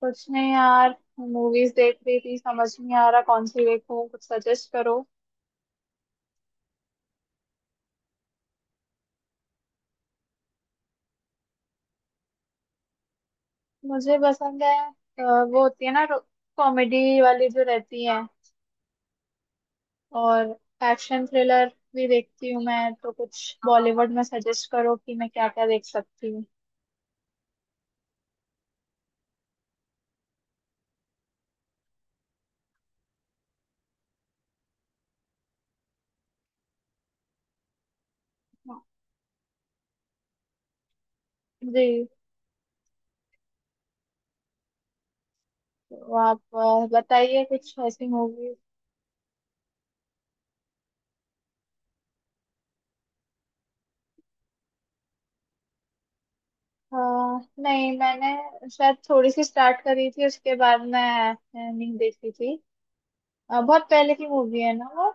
कुछ नहीं यार, मूवीज देख रही थी। समझ नहीं आ रहा कौन सी देखूं, कुछ सजेस्ट करो। मुझे पसंद है, वो होती है ना, कॉमेडी वाली जो रहती है। और एक्शन थ्रिलर भी देखती हूँ मैं, तो कुछ बॉलीवुड में सजेस्ट करो कि मैं क्या क्या देख सकती हूँ। जी। तो आप बताइए कुछ ऐसी मूवीज। नहीं, मैंने शायद थोड़ी सी स्टार्ट करी थी, उसके बाद मैं नहीं देखी थी। बहुत पहले की मूवी है ना वो।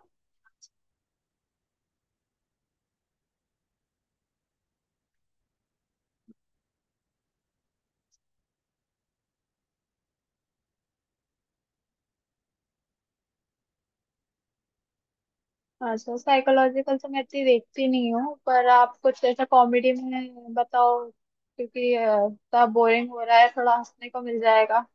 अच्छा, साइकोलॉजिकल तो मैं इतनी देखती नहीं हूँ, पर आप कुछ ऐसा कॉमेडी में बताओ क्योंकि थोड़ा बोरिंग हो रहा है, थोड़ा हंसने को मिल जाएगा।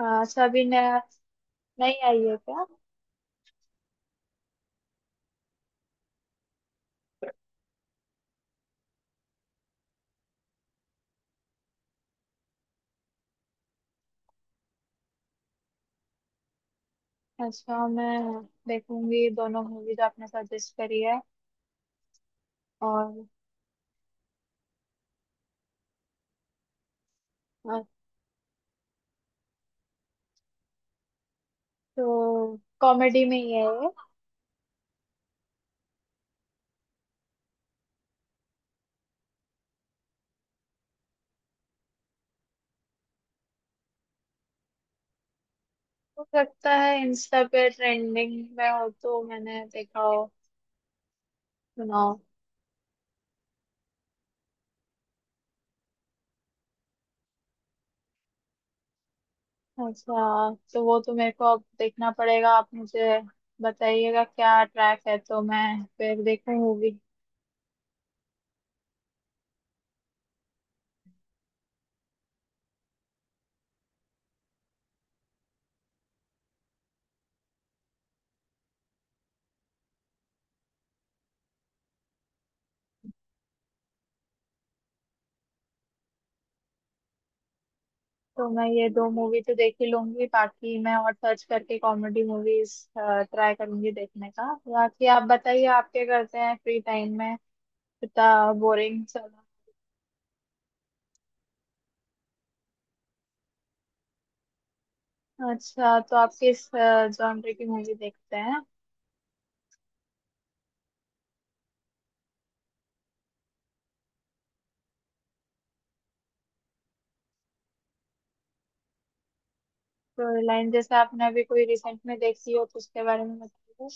हाँ, अच्छा। अभी नया नहीं आई है क्या? अच्छा, मैं देखूंगी दोनों मूवी जो आपने सजेस्ट करी है। और अ, तो कॉमेडी में ही है ये? हो सकता है, इंस्टा पे ट्रेंडिंग में हो तो मैंने देखा हो, सुना हो। अच्छा, तो वो तो मेरे को अब देखना पड़ेगा। आप मुझे बताइएगा क्या ट्रैक है तो मैं फिर देखूं मूवी। तो मैं ये दो मूवी तो देख ही लूंगी, बाकी मैं और सर्च करके कॉमेडी मूवीज ट्राई करूंगी देखने का। बाकी आप बताइए, आप क्या करते हैं फ्री टाइम में, इतना बोरिंग चला। अच्छा, तो आप किस जॉनर की मूवी देखते हैं? तो लाइन जैसे आपने अभी कोई रिसेंट में देखी हो तो उसके बारे में बताइए।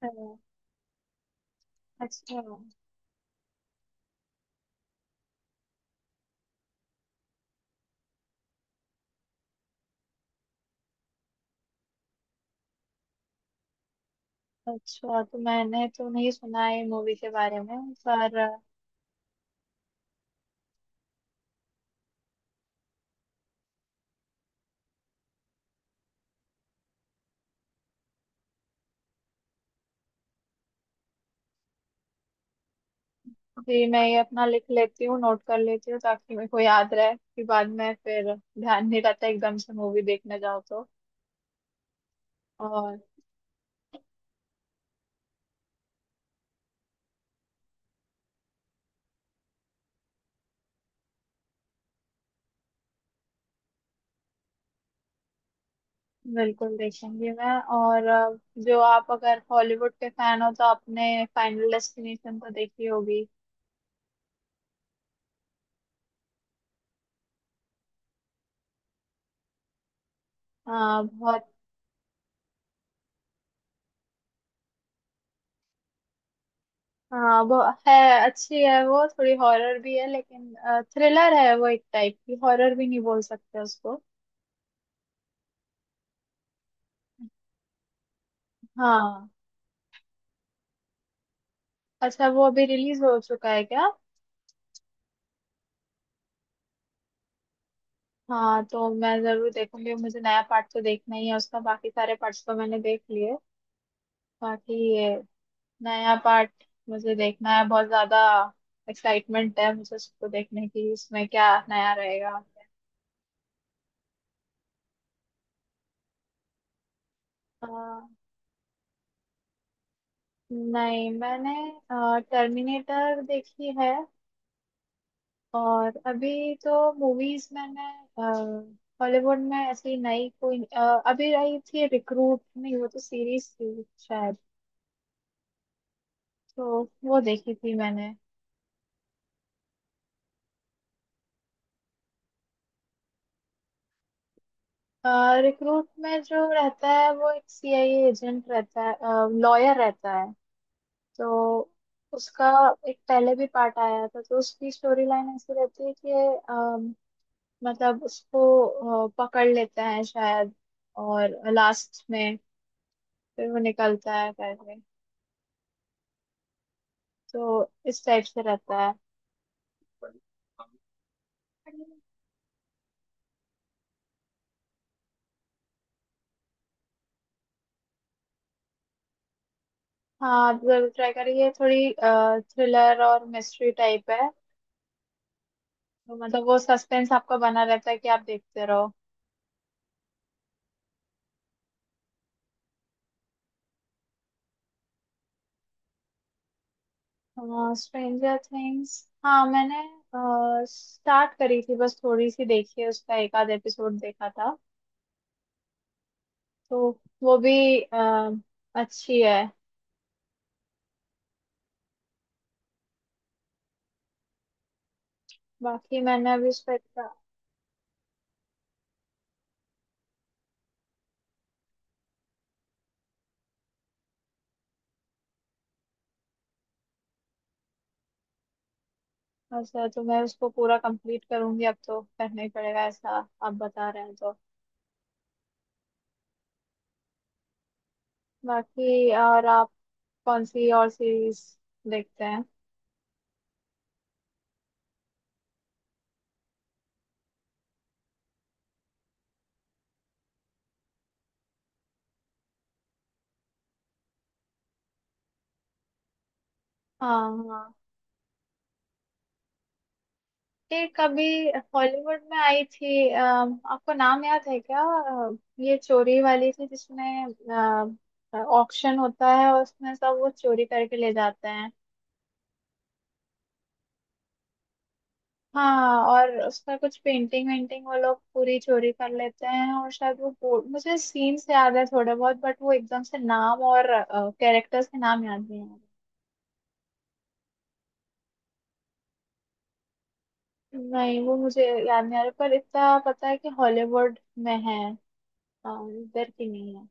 अ, अच्छा। अच्छा, तो मैंने तो नहीं सुना है मूवी के बारे में, पर अभी मैं ये अपना लिख लेती हूँ, नोट कर लेती हूँ, ताकि मेरे को याद रहे। कि बाद में फिर ध्यान नहीं रहता, एकदम से मूवी देखने जाओ तो। और बिल्कुल देखेंगी मैं। और जो आप अगर हॉलीवुड के फैन हो तो आपने फाइनल डेस्टिनेशन तो देखी होगी। हाँ बहुत। हाँ वो है, अच्छी है वो। थोड़ी हॉरर भी है लेकिन, थ्रिलर है वो एक टाइप की। हॉरर भी नहीं बोल सकते उसको। हाँ। अच्छा, वो अभी रिलीज हो चुका है क्या? हाँ, तो मैं जरूर देखूंगी। मुझे नया पार्ट तो देखना ही है उसका, बाकी सारे पार्ट्स तो मैंने देख लिए। बाकी ये नया पार्ट मुझे देखना है, बहुत ज्यादा एक्साइटमेंट है मुझे उसको देखने की। इसमें क्या नया रहेगा? अ, नहीं, मैंने टर्मिनेटर देखी है। और अभी तो मूवीज मैंने हॉलीवुड में ऐसी नई कोई अभी आई थी रिक्रूट, नहीं वो तो सीरीज थी शायद। तो वो देखी थी मैंने। रिक्रूट में जो रहता है, वो एक सीआईए एजेंट रहता है, लॉयर रहता है। तो उसका एक पहले भी पार्ट आया था। तो उसकी स्टोरी लाइन ऐसी रहती है कि अम, मतलब उसको पकड़ लेता है शायद। और लास्ट में फिर वो निकलता है करके। तो इस टाइप से रहता है। हाँ, आप जरूर ट्राई करिए। थोड़ी थ्रिलर और मिस्ट्री टाइप है तो मतलब वो सस्पेंस आपका बना रहता है, कि आप देखते रहो। स्ट्रेंजर थिंग्स, हाँ मैंने स्टार्ट करी थी। बस थोड़ी सी देखी है, उसका एक आध एपिसोड देखा था। तो वो भी अच्छी है। बाकी मैंने अभी उस पर इतना। अच्छा, तो मैं उसको पूरा कंप्लीट करूंगी। अब तो करना ही पड़ेगा, ऐसा आप बता रहे हैं तो। बाकी और आप कौन सी और सीरीज देखते हैं? हाँ, हाँ। एक अभी हॉलीवुड में आई थी, आपको नाम याद है क्या? ये चोरी वाली थी, जिसमें ऑक्शन होता है और उसमें सब वो चोरी करके ले जाते हैं। हाँ, और उसका कुछ पेंटिंग वेंटिंग वो लोग पूरी चोरी कर लेते हैं। और शायद वो बोर्ड। मुझे सीन्स याद है थोड़े बहुत, बट वो एकदम से नाम और कैरेक्टर्स के नाम याद नहीं आ रहे। नहीं, वो मुझे याद नहीं आ रहा, पर इतना पता है कि हॉलीवुड में है। अ, इधर की नहीं है।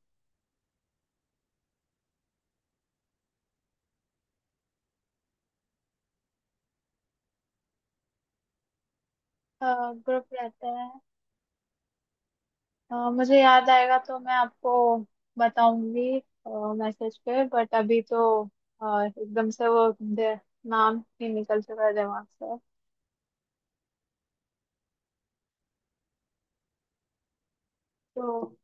ग्रुप रहता है। मुझे याद आएगा तो मैं आपको बताऊंगी मैसेज पे। बट अभी तो एकदम से वो नाम ही निकल चुका है दिमाग से। तो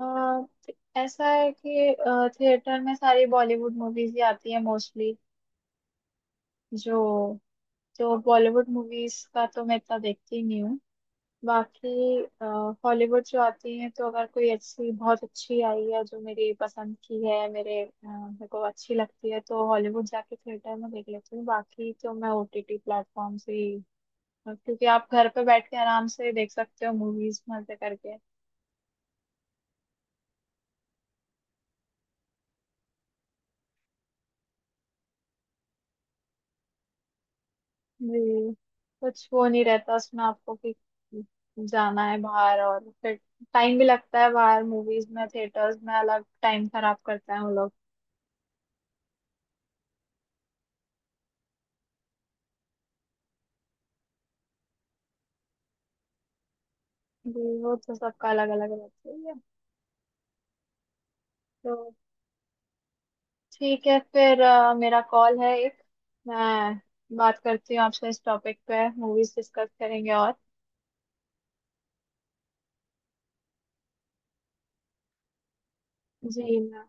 अ, ऐसा है कि थिएटर में सारी बॉलीवुड मूवीज ही आती है मोस्टली। जो जो बॉलीवुड मूवीज का तो मैं इतना देखती नहीं हूँ। बाकी हॉलीवुड जो आती है तो अगर कोई अच्छी, बहुत अच्छी आई है जो मेरी पसंद की है, मेरे मेरे को अच्छी लगती है, तो हॉलीवुड जाके थिएटर में देख लेती हूँ। बाकी तो मैं ओटीटी प्लेटफॉर्म से ही, क्योंकि आप घर पे बैठ के आराम से देख सकते हो मूवीज मजे करके। जी। कुछ वो नहीं रहता उसमें आपको कि जाना है बाहर, और फिर टाइम भी लगता है बाहर मूवीज में, थिएटर्स में अलग टाइम खराब करते हैं वो लोग। जी, वो तो सबका अलग अलग रहता है। तो ठीक है फिर। मेरा कॉल है एक। मैं बात करती हूँ आपसे, इस टॉपिक पे मूवीज डिस्कस करेंगे। और जी मैं।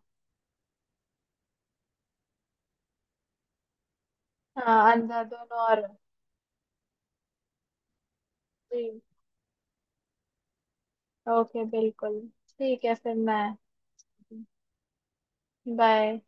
हाँ, अंधाधुन और। जी, ओके, बिल्कुल। ठीक है, फिर मैं। बाय।